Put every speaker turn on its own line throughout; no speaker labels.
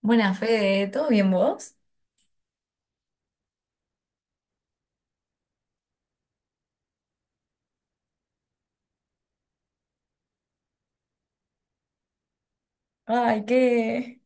Buenas, Fede, ¿todo bien vos? Ay, qué...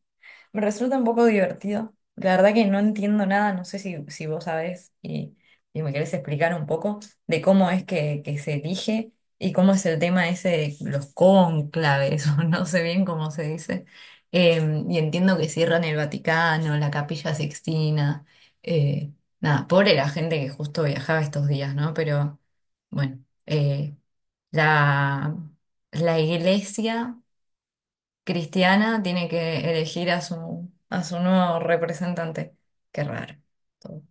Me resulta un poco divertido. La verdad que no entiendo nada, no sé si vos sabés y me querés explicar un poco de cómo es que se elige y cómo es el tema ese de los cónclaves, o no sé bien cómo se dice. Y entiendo que cierran el Vaticano, la Capilla Sixtina. eh, Nada, pobre la gente que justo viajaba estos días, ¿no? Pero bueno, la, la iglesia cristiana tiene que elegir a a su nuevo representante. Qué raro todo.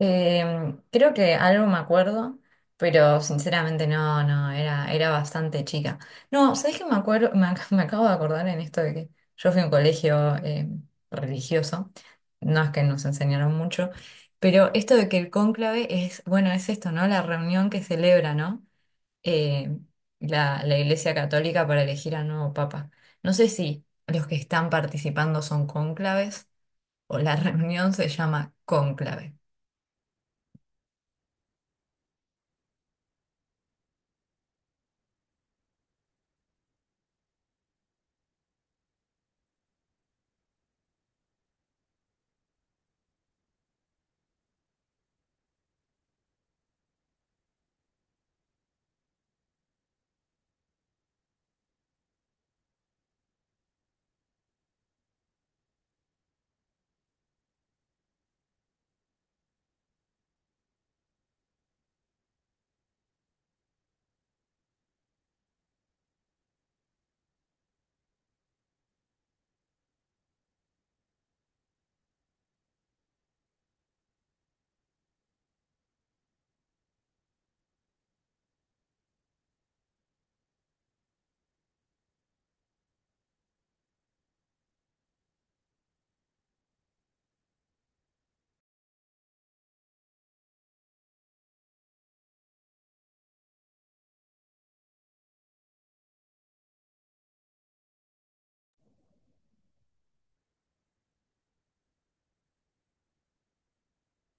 Creo que algo me acuerdo, pero sinceramente no, era bastante chica. No, ¿sabés qué me acuerdo? Me acabo de acordar en esto de que yo fui a un colegio religioso, no es que nos enseñaron mucho, pero esto de que el cónclave es, bueno, es esto, ¿no? La reunión que celebra, ¿no? eh, la Iglesia Católica para elegir al nuevo Papa. No sé si los que están participando son cónclaves o la reunión se llama cónclave.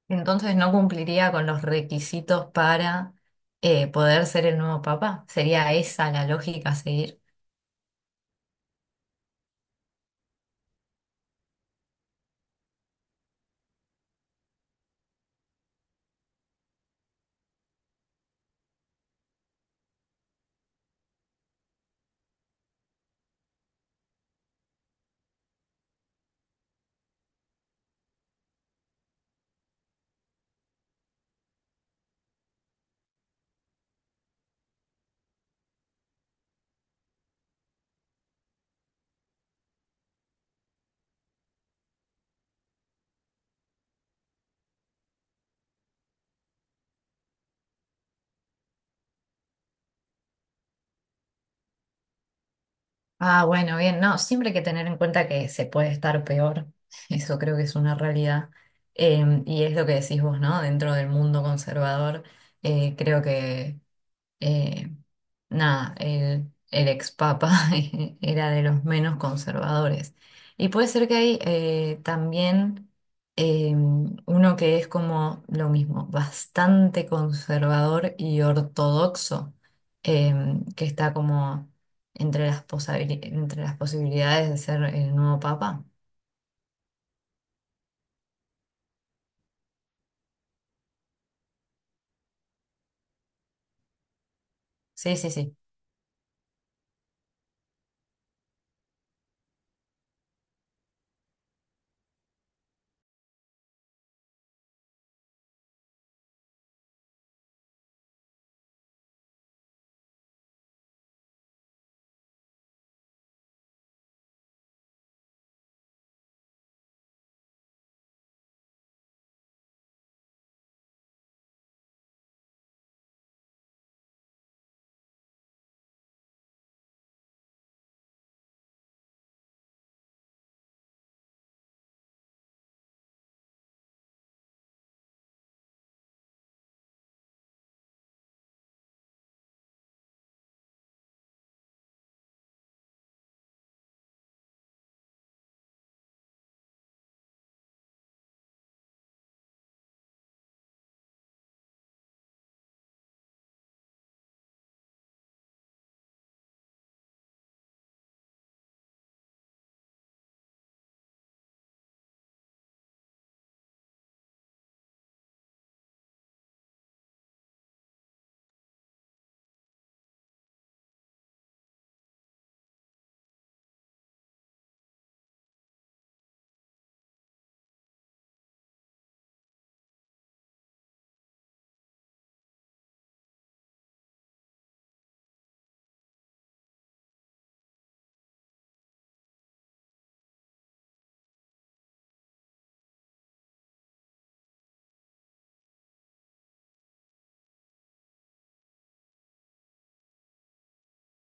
Entonces no cumpliría con los requisitos para poder ser el nuevo Papa. ¿Sería esa la lógica a seguir? Ah, bueno, bien, no, siempre hay que tener en cuenta que se puede estar peor. Eso creo que es una realidad. Y es lo que decís vos, ¿no? Dentro del mundo conservador, creo que eh, nada, el ex papa era de los menos conservadores. Y puede ser que hay también eh, uno que es como lo mismo, bastante conservador y ortodoxo, eh, que está como entre entre las posibilidades de ser el nuevo papa. Sí, sí, sí.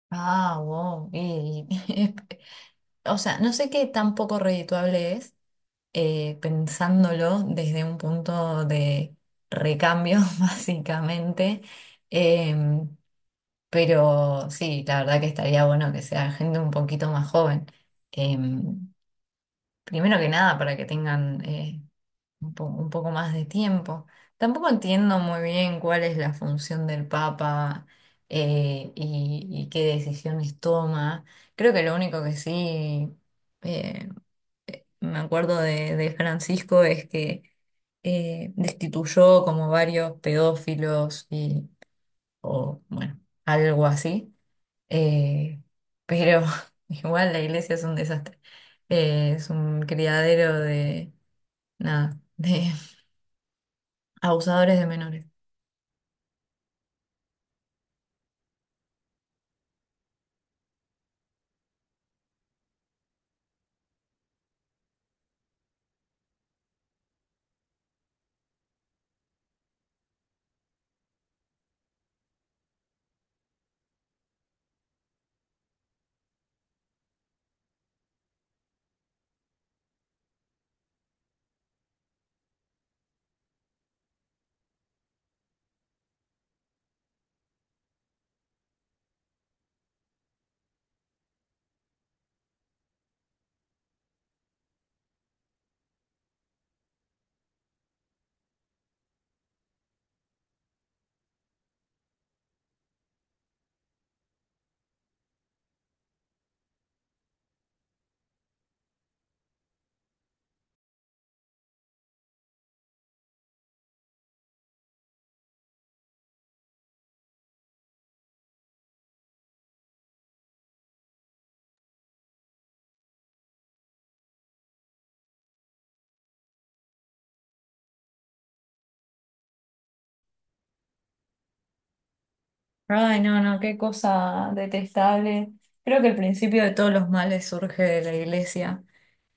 Ah, wow. O sea, no sé qué tan poco redituable es, pensándolo desde un punto de recambio, básicamente. Em, pero sí, la verdad que estaría bueno que sea gente un poquito más joven. Em, Primero que nada, para que tengan un poco más de tiempo. Tampoco entiendo muy bien cuál es la función del Papa y qué decisiones toma. Creo que lo único que sí... eh, me acuerdo de Francisco es que destituyó como varios pedófilos o bueno, algo así. Eh, pero igual la iglesia es un desastre. Es un criadero de, nada, de abusadores de menores. Ay, no, no, qué cosa detestable. Creo que el principio de todos los males surge de la iglesia,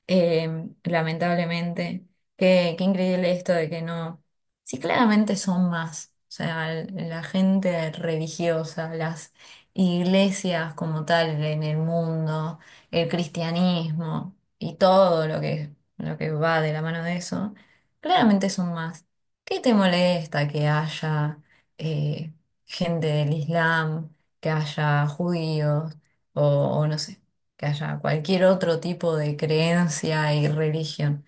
lamentablemente. Qué, qué increíble esto de que no. Sí, claramente son más. La gente religiosa, las iglesias como tal en el mundo, el cristianismo y todo lo lo que va de la mano de eso, claramente son más. ¿Qué te molesta que haya eh, gente del Islam, que haya judíos o o no sé? Que haya cualquier otro tipo de creencia y religión.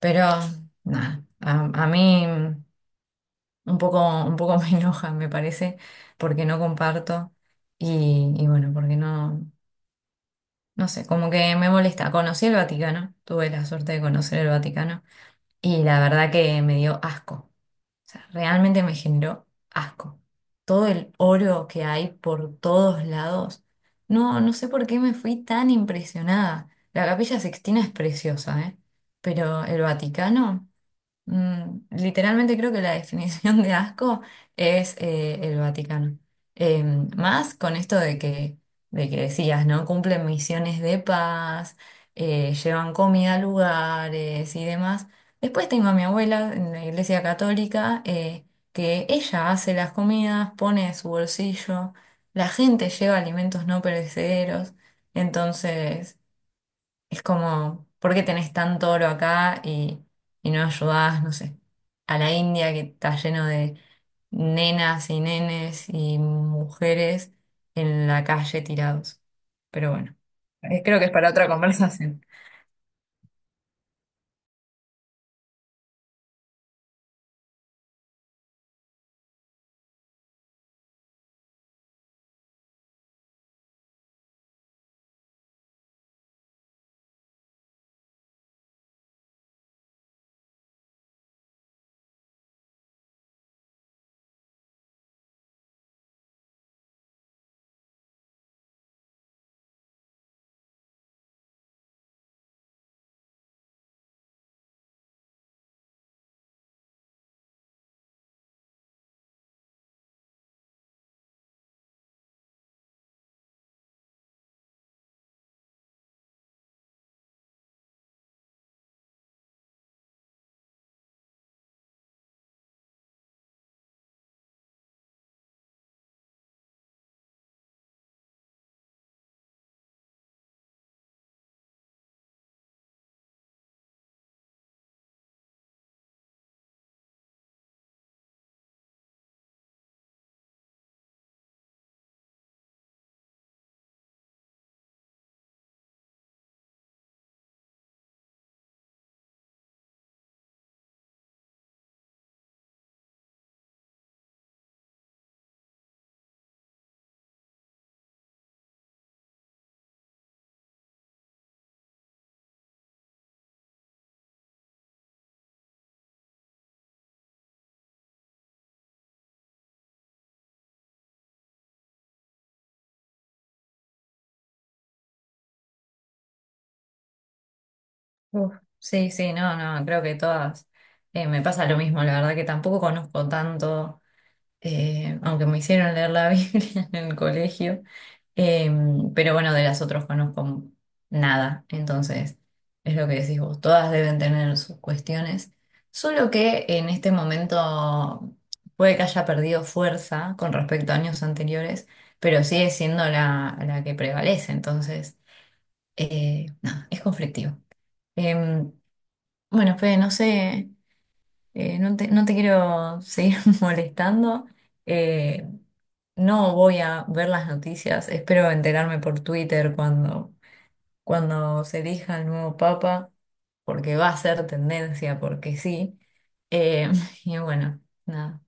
Pero nada, a mí un poco me enoja, me parece, porque no comparto y bueno, porque no sé, como que me molesta. Conocí el Vaticano, tuve la suerte de conocer el Vaticano y la verdad que me dio asco. Sea, realmente me generó asco. Todo el oro que hay por todos lados. No, no sé por qué me fui tan impresionada. La Capilla Sixtina es preciosa, ¿eh? Pero el Vaticano. Mm, literalmente creo que la definición de asco es el Vaticano. Eh, más con esto de que decías, ¿no? Cumplen misiones de paz, llevan comida a lugares y demás. Después tengo a mi abuela en la iglesia católica, que ella hace las comidas, pone de su bolsillo, la gente lleva alimentos no perecederos, entonces... Es como, ¿por qué tenés tanto oro acá y no ayudás, no sé, a la India que está lleno de nenas y nenes y mujeres en la calle tirados? Pero bueno, creo que es para otra conversación. Uf, sí, sí, no, no, creo que todas. Me pasa lo mismo, la verdad que tampoco conozco tanto. Aunque me hicieron leer la Biblia en el colegio, eh, pero bueno, de las otras conozco nada, entonces es lo que decís vos, todas deben tener sus cuestiones, solo que en este momento puede que haya perdido fuerza con respecto a años anteriores, pero sigue siendo la que prevalece, entonces, nada, es conflictivo. Em, bueno, Fede, no sé. No te quiero seguir molestando. Eh, no voy a ver las noticias. Espero enterarme por Twitter cuando, cuando se elija el nuevo papa, porque va a ser tendencia, porque sí. Eh, y bueno, nada.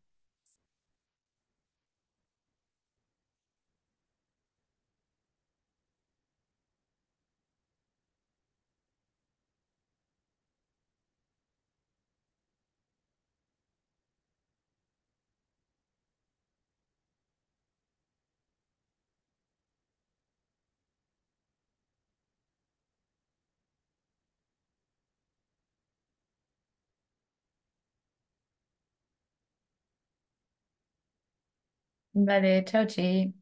Vale, chau, chi.